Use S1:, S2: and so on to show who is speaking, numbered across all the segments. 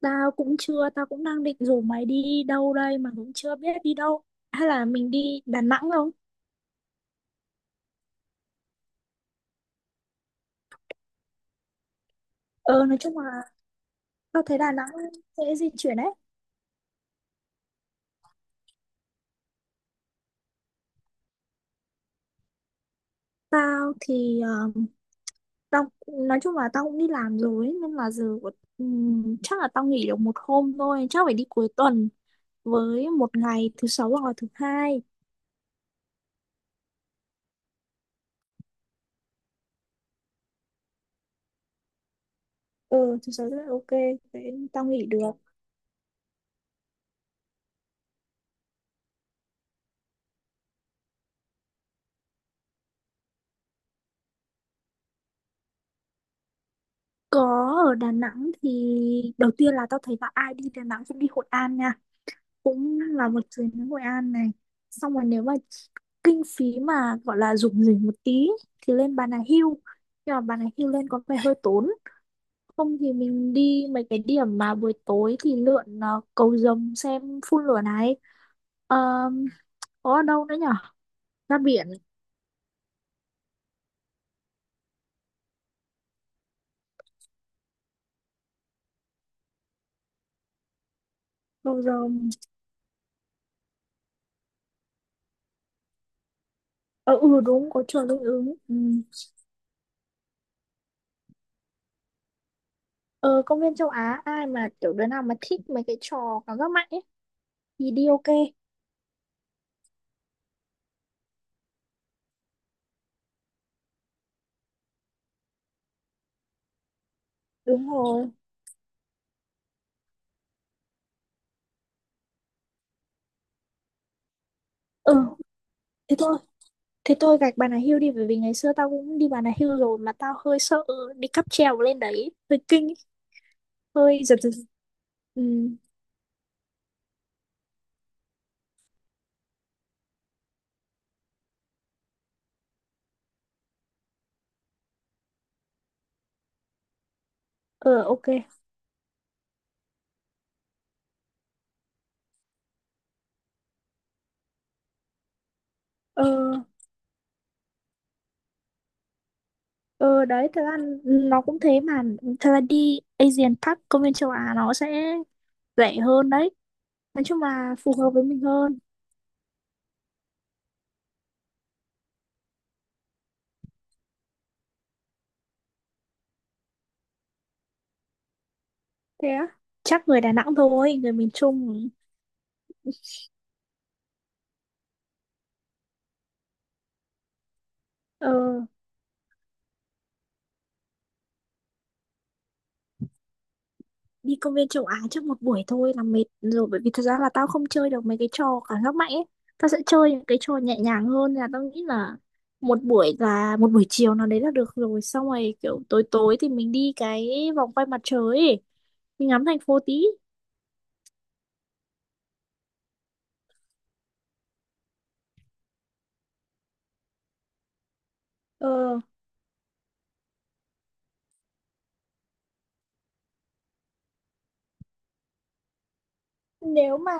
S1: Tao cũng chưa, tao cũng đang định rủ mày đi đâu đây mà cũng chưa biết đi đâu. Hay là mình đi Đà Nẵng không? Ờ, nói chung là tao thấy Đà Nẵng dễ di chuyển đấy. Tao thì tao nói chung là tao cũng đi làm rồi ấy, nên là chắc là tao nghỉ được một hôm thôi, chắc phải đi cuối tuần với một ngày thứ sáu hoặc là thứ hai. Ừ, thứ sáu rất là ok, thế tao nghỉ được. Có, ở Đà Nẵng thì đầu tiên là tao thấy là ai đi Đà Nẵng cũng đi Hội An nha. Cũng là một chuyến đến Hội An này, xong rồi nếu mà kinh phí mà gọi là rủng rỉnh một tí thì lên Bà Nà Hill, nhưng mà Bà Nà Hill lên có vẻ hơi tốn. Không thì mình đi mấy cái điểm mà buổi tối thì lượn cầu rồng xem phun lửa này. Ờ, có ở đâu nữa nhở, ra biển, cầu rồng. Ờ ừ đúng, có chùa Linh Ứng, ừ. Ờ, công viên châu Á ai mà kiểu đứa nào mà thích mấy cái trò cảm giác mạnh ấy thì đi ok. Đúng rồi, ừ, thế thôi. Thế tôi gạch Bà Nà Hills đi, bởi vì ngày xưa tao cũng đi Bà Nà Hills rồi mà tao hơi sợ đi cáp treo lên đấy, hơi kinh, ấy, hơi giật giật. Ừ, ờ ok. Ờ ờ, đấy thật ra nó cũng thế mà, thật ra đi Asian Park, công viên châu Á nó sẽ rẻ hơn đấy. Nói chung là phù hợp với mình hơn. Thế á? Chắc người Đà Nẵng thôi, người miền Trung. Ờ, đi công viên châu Á trong một buổi thôi là mệt rồi, bởi vì thật ra là tao không chơi được mấy cái trò cảm giác mạnh ấy, tao sẽ chơi những cái trò nhẹ nhàng hơn. Là tao nghĩ là một buổi chiều nào đấy là được rồi, xong rồi kiểu tối tối thì mình đi cái vòng quay mặt trời ấy, mình ngắm thành phố tí. Ờ, nếu mà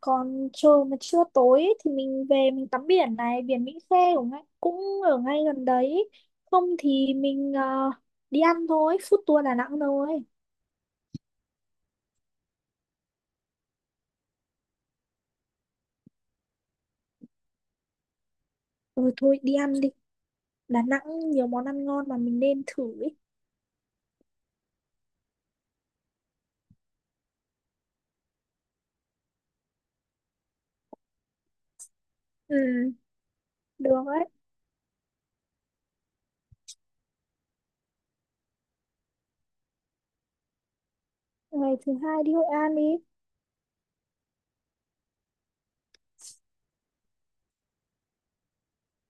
S1: còn trời mà chưa tối ấy, thì mình về mình tắm biển này, biển Mỹ Khê cũng ngay, cũng ở ngay gần đấy. Không thì mình đi ăn thôi, food tour Đà Nẵng thôi. Ừ, thôi đi ăn đi, Đà Nẵng nhiều món ăn ngon mà mình nên thử ấy. Ừ, được đấy. Ngày thứ hai đi Hội An đi.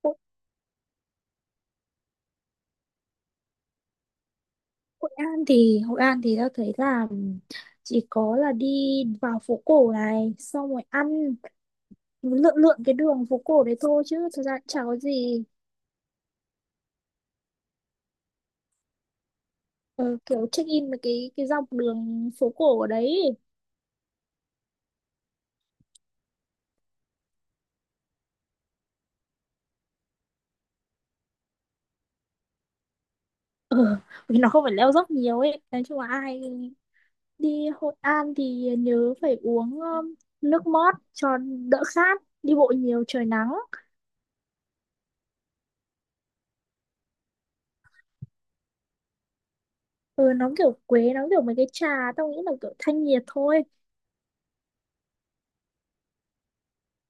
S1: Hội, Hội An thì, Hội An thì tao thấy là chỉ có là đi vào phố cổ này, xong rồi ăn, lượn lượn cái đường phố cổ đấy thôi chứ thực ra cũng chả có gì. Ờ, kiểu check in với cái dọc đường phố cổ ở đấy. Ờ, vì nó không phải leo dốc nhiều ấy. Nói chung là ai đi Hội An thì nhớ phải uống nước mót cho đỡ khát. Đi bộ nhiều trời nắng. Ừ, nó kiểu quế, nó kiểu mấy cái trà, tao nghĩ là kiểu thanh nhiệt thôi,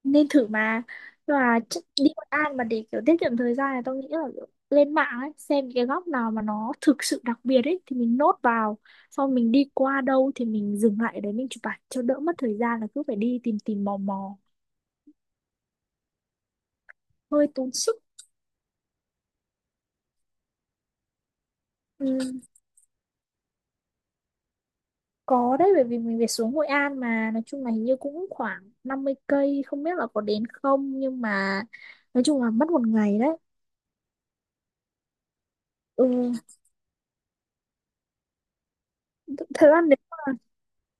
S1: nên thử mà. Và chắc đi Hội An mà để kiểu tiết kiệm thời gian này, tao nghĩ là kiểu lên mạng ấy xem những cái góc nào mà nó thực sự đặc biệt ấy thì mình nốt vào, xong mình đi qua đâu thì mình dừng lại ở đấy mình chụp ảnh cho đỡ mất thời gian là cứ phải đi tìm tìm mò mò, hơi tốn sức. Ừ, có đấy, bởi vì mình về xuống Hội An mà nói chung là hình như cũng khoảng 50 cây, không biết là có đến không, nhưng mà nói chung là mất một ngày đấy. Ừ, thật ra nếu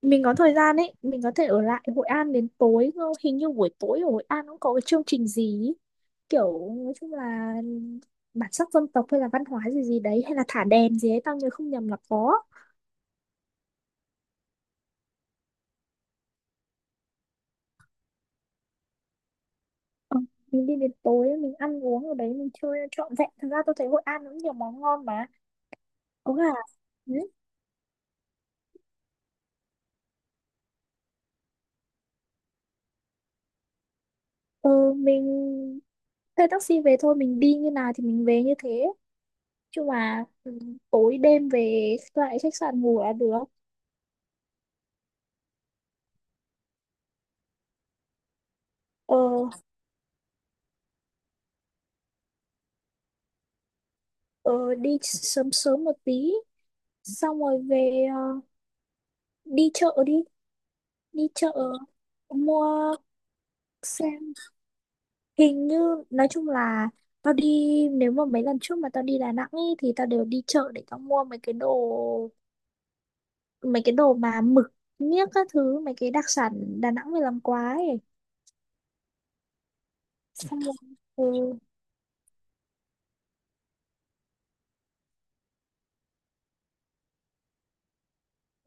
S1: mình có thời gian ấy mình có thể ở lại Hội An đến tối cơ. Hình như buổi tối ở Hội An cũng có cái chương trình gì ý, kiểu nói chung là bản sắc dân tộc hay là văn hóa gì gì đấy, hay là thả đèn gì ấy, tao nhớ không nhầm là có. Ờ, mình đi đến tối mình ăn uống ở đấy mình chơi trọn vẹn, thật ra tôi thấy Hội An cũng nhiều món ngon mà, có gà. Ừ. Ừ, mình thuê taxi về thôi, mình đi như nào thì mình về như thế chứ mà, ừ, tối đêm về lại khách sạn ngủ là được. Ờ. Ờ, đi sớm sớm một tí, xong rồi về đi chợ đi. Đi chợ, mua, xem, hình như nói chung là tao đi, nếu mà mấy lần trước mà tao đi Đà Nẵng ý, thì tao đều đi chợ để tao mua mấy cái đồ, mấy cái đồ mà mực miếc các thứ, mấy cái đặc sản Đà Nẵng về làm quá ấy. Xong rồi, ừ,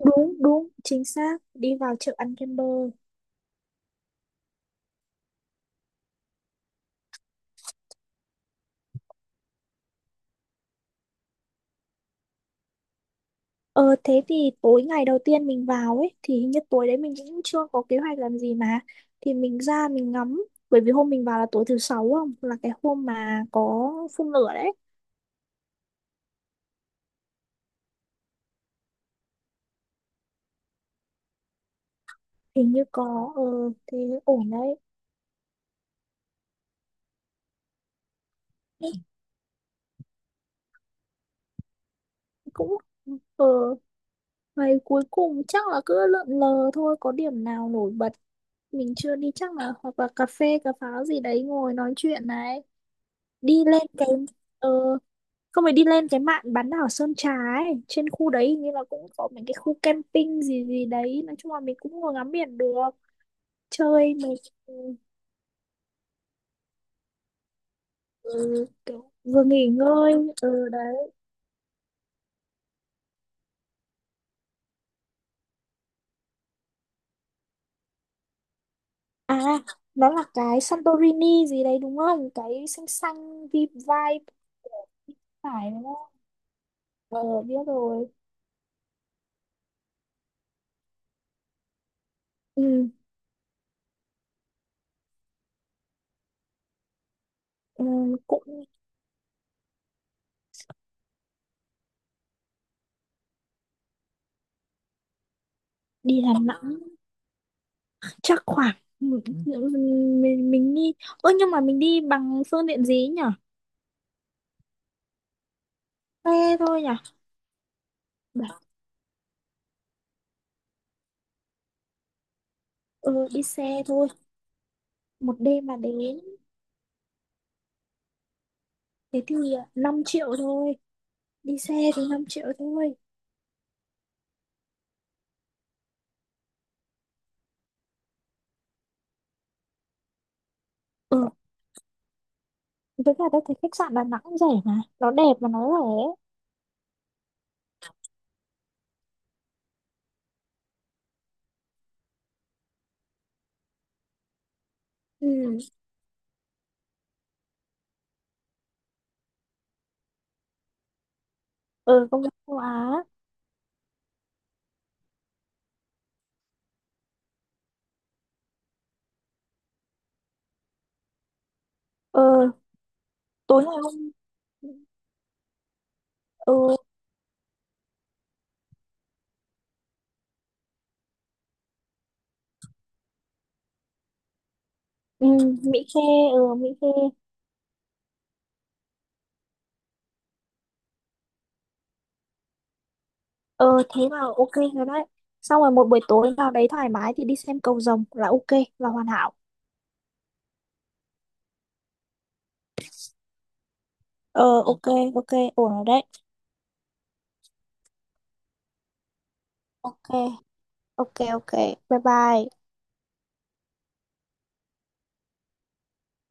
S1: đúng đúng chính xác, đi vào chợ ăn kem bơ. Ờ thế thì tối ngày đầu tiên mình vào ấy thì hình như tối đấy mình cũng chưa có kế hoạch làm gì mà, thì mình ra mình ngắm, bởi vì hôm mình vào là tối thứ sáu, không là cái hôm mà có phun lửa đấy. Hình như có thế, ổn đấy. Thế cũng, ờ, ngày cuối cùng chắc là cứ lượn lờ thôi, có điểm nào nổi bật mình chưa đi chắc là, hoặc là cà phê cà pháo gì đấy ngồi nói chuyện này. Đi lên cái ờ Không phải, đi lên cái mạn bán đảo Sơn Trà ấy, trên khu đấy hình như là cũng có mấy cái khu camping gì gì đấy, nói chung là mình cũng ngồi ngắm biển được, chơi. Mình, ừ, kiểu vừa nghỉ ngơi. Ừ đấy. À, nó là cái Santorini gì đấy đúng không, cái xanh xanh vibe phải đúng không? Ờ, biết rồi. Ừ, ừ, cũng. Đi Đà Nẵng chắc khoảng, ừ, mình đi, ơ nhưng mà mình đi bằng phương tiện gì nhỉ, xe thôi nhỉ. Ừ, đi xe thôi, một đêm mà đến. Thế thì 5 triệu thôi, đi xe thì 5 triệu thôi. Ừ, với cả tôi thấy khách sạn Đà Nẵng cũng rẻ, mà nó đẹp mà nó rẻ. Ừ. Ừ, công nhận châu Á. Ừ, tối ngày hôm. Ừ, ừ, Mỹ Khê. Ừ, Mỹ Khê. Ừ, thế là ok rồi đấy. Xong rồi một buổi tối vào đấy thoải mái thì đi xem cầu rồng là ok, là hoàn hảo. Ờ, ok. Ok, ổn rồi đấy. Ok, ok, ok, bye bye.